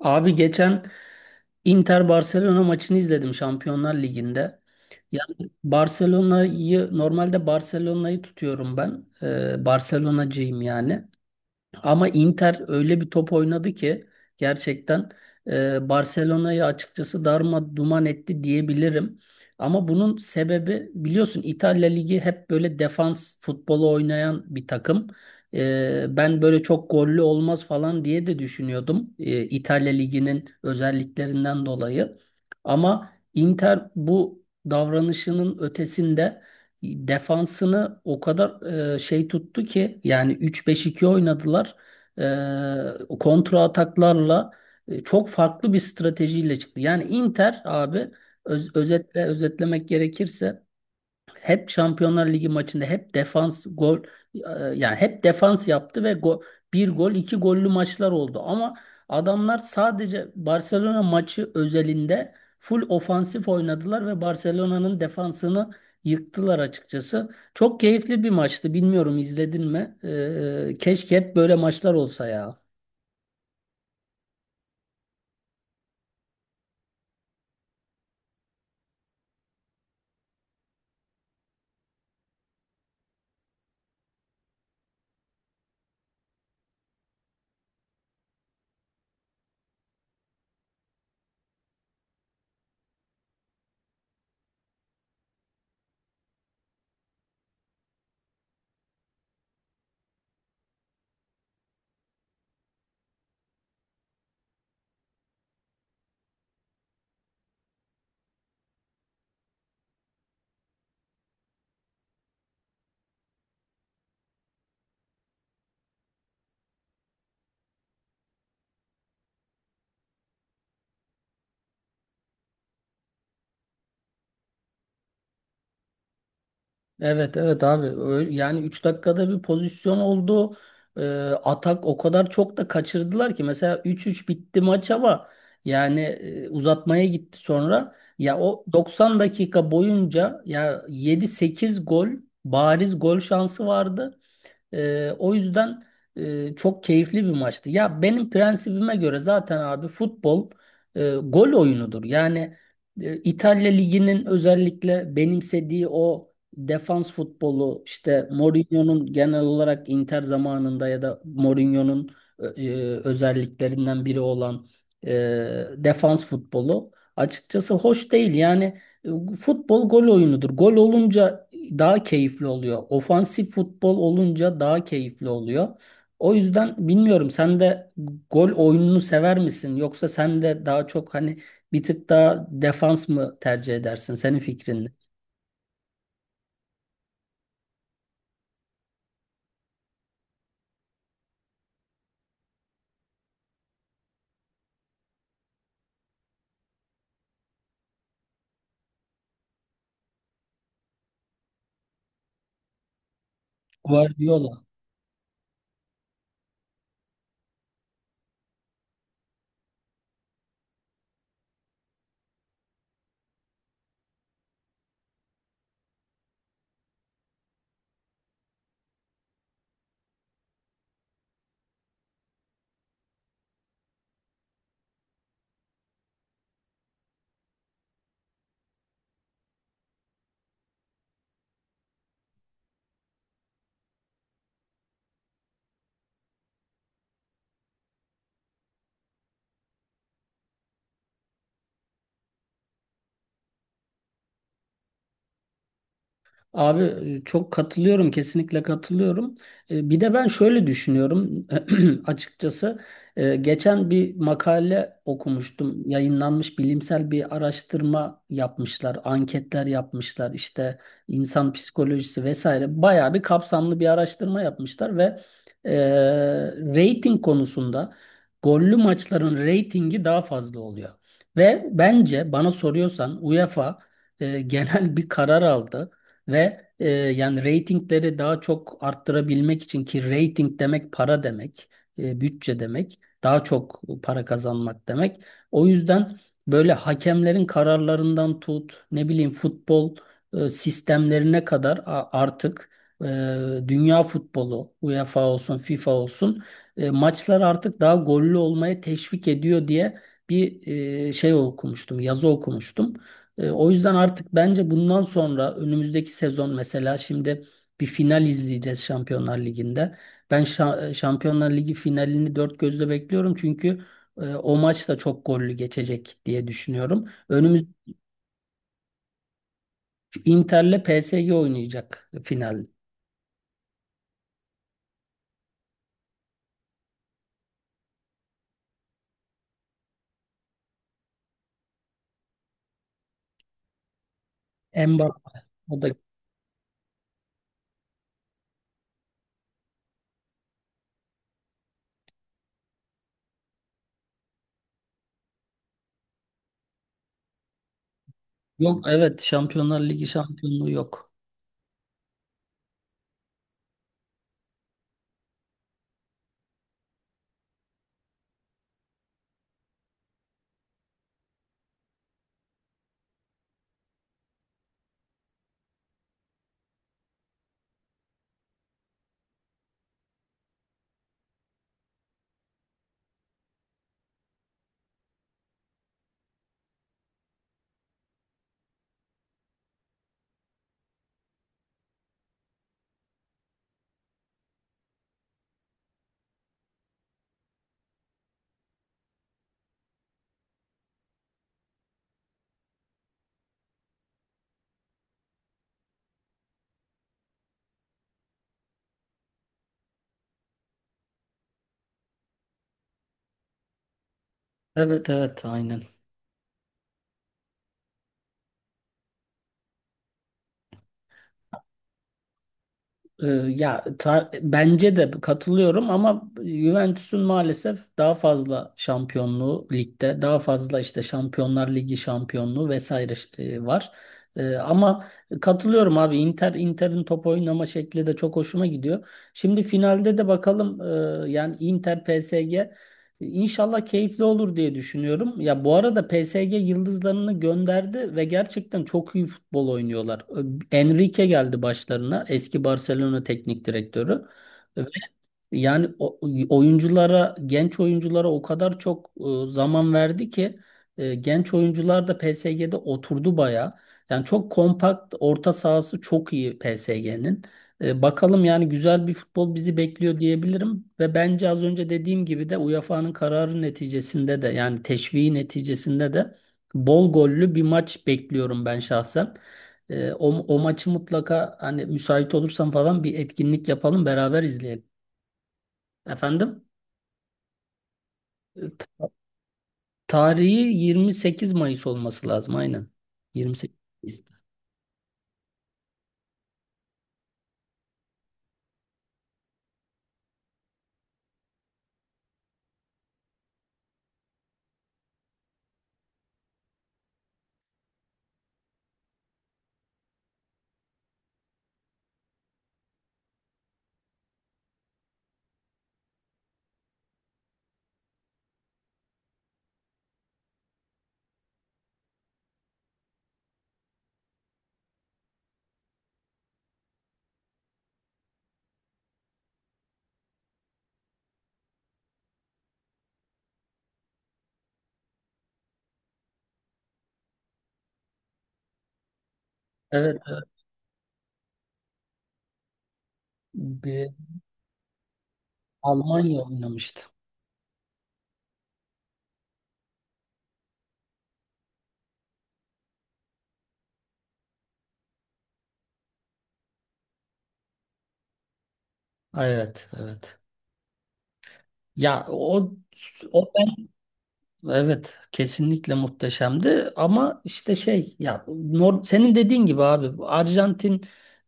Abi geçen Inter Barcelona maçını izledim Şampiyonlar Ligi'nde. Yani normalde Barcelona'yı tutuyorum ben. Barcelona'cıyım yani. Ama Inter öyle bir top oynadı ki gerçekten Barcelona'yı açıkçası darma duman etti diyebilirim. Ama bunun sebebi biliyorsun İtalya Ligi hep böyle defans futbolu oynayan bir takım. Ben böyle çok gollü olmaz falan diye de düşünüyordum İtalya Ligi'nin özelliklerinden dolayı. Ama Inter bu davranışının ötesinde defansını o kadar tuttu ki yani üç 5 2 oynadılar kontra ataklarla çok farklı bir stratejiyle çıktı. Yani Inter abi, özetle özetlemek gerekirse hep Şampiyonlar Ligi maçında hep defans gol e, yani hep defans yaptı ve bir gol iki gollü maçlar oldu. Ama adamlar sadece Barcelona maçı özelinde full ofansif oynadılar ve Barcelona'nın defansını yıktılar açıkçası. Çok keyifli bir maçtı. Bilmiyorum, izledin mi? Keşke hep böyle maçlar olsa ya. Evet, evet abi, yani 3 dakikada bir pozisyon oldu. Ee, Atak o kadar çok da kaçırdılar ki mesela 3-3 bitti maç, ama yani uzatmaya gitti sonra. Ya o 90 dakika boyunca ya yedi sekiz gol, bariz gol şansı vardı. O yüzden çok keyifli bir maçtı. Ya benim prensibime göre zaten abi futbol gol oyunudur. Yani İtalya Ligi'nin özellikle benimsediği o defans futbolu, işte Mourinho'nun genel olarak Inter zamanında ya da Mourinho'nun özelliklerinden biri olan e, defans futbolu açıkçası hoş değil. Yani e, Futbol gol oyunudur. Gol olunca daha keyifli oluyor. Ofansif futbol olunca daha keyifli oluyor. O yüzden bilmiyorum, sen de gol oyununu sever misin? Yoksa sen de daha çok hani bir tık daha defans mı tercih edersin? Senin fikrin ne? Guardiola. Abi çok katılıyorum, kesinlikle katılıyorum. Bir de ben şöyle düşünüyorum açıkçası. Geçen bir makale okumuştum. Yayınlanmış bilimsel bir araştırma yapmışlar, anketler yapmışlar, işte insan psikolojisi vesaire. Bayağı bir kapsamlı bir araştırma yapmışlar ve e, rating konusunda gollü maçların ratingi daha fazla oluyor. Ve bence bana soruyorsan UEFA genel bir karar aldı. Ve yani reytingleri daha çok arttırabilmek için, ki reyting demek para demek, bütçe demek, daha çok para kazanmak demek. O yüzden böyle hakemlerin kararlarından tut, ne bileyim futbol sistemlerine kadar artık e, dünya futbolu, UEFA olsun, FIFA olsun maçlar artık daha gollü olmaya teşvik ediyor diye bir şey okumuştum, yazı okumuştum. O yüzden artık bence bundan sonra önümüzdeki sezon mesela şimdi bir final izleyeceğiz Şampiyonlar Ligi'nde. Ben Şampiyonlar Ligi finalini dört gözle bekliyorum, çünkü o maç da çok gollü geçecek diye düşünüyorum. Inter'le PSG oynayacak final. Mbappe. O da. Yok, evet, Şampiyonlar Ligi şampiyonluğu yok. Evet, evet, aynen. Ya bence de katılıyorum, ama Juventus'un maalesef daha fazla şampiyonluğu ligde, daha fazla işte Şampiyonlar Ligi şampiyonluğu vesaire var. Ama katılıyorum abi, Inter'in top oynama şekli de çok hoşuma gidiyor. Şimdi finalde de bakalım yani Inter PSG İnşallah keyifli olur diye düşünüyorum. Ya bu arada PSG yıldızlarını gönderdi ve gerçekten çok iyi futbol oynuyorlar. Enrique geldi başlarına, eski Barcelona teknik direktörü. Ve yani genç oyunculara o kadar çok zaman verdi ki genç oyuncular da PSG'de oturdu baya. Yani çok kompakt, orta sahası çok iyi PSG'nin. Bakalım, yani güzel bir futbol bizi bekliyor diyebilirim ve bence az önce dediğim gibi de UEFA'nın kararı neticesinde de, yani teşviği neticesinde de bol gollü bir maç bekliyorum ben şahsen. O maçı mutlaka, hani müsait olursam falan, bir etkinlik yapalım, beraber izleyelim. Efendim? E, Ta- tarihi 28 Mayıs olması lazım aynen. 28 Mayıs. Evet, evet. Bir Almanya oynamıştı. Evet, evet. Ya o o Evet, kesinlikle muhteşemdi, ama işte senin dediğin gibi abi, Arjantin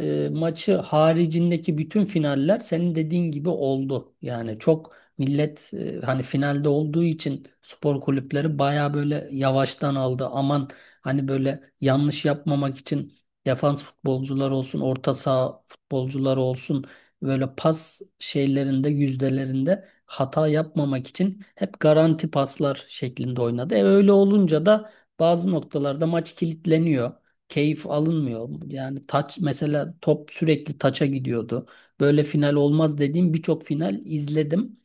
maçı haricindeki bütün finaller senin dediğin gibi oldu. Yani çok millet hani finalde olduğu için spor kulüpleri baya böyle yavaştan aldı. Aman, hani böyle yanlış yapmamak için defans futbolcular olsun, orta saha futbolcular olsun, böyle pas şeylerinde, yüzdelerinde hata yapmamak için hep garanti paslar şeklinde oynadı. Öyle olunca da bazı noktalarda maç kilitleniyor. Keyif alınmıyor. Yani taç, mesela top sürekli taça gidiyordu. Böyle final olmaz dediğim birçok final izledim.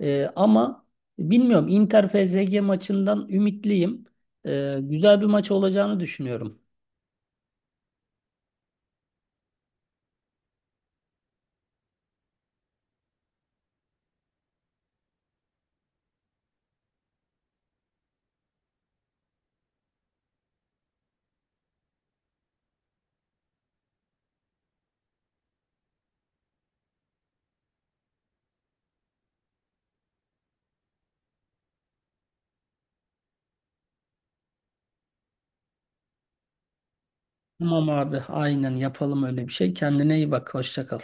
Ama bilmiyorum, Inter PSG maçından ümitliyim. Güzel bir maç olacağını düşünüyorum. Tamam abi, aynen yapalım öyle bir şey. Kendine iyi bak. Hoşça kal.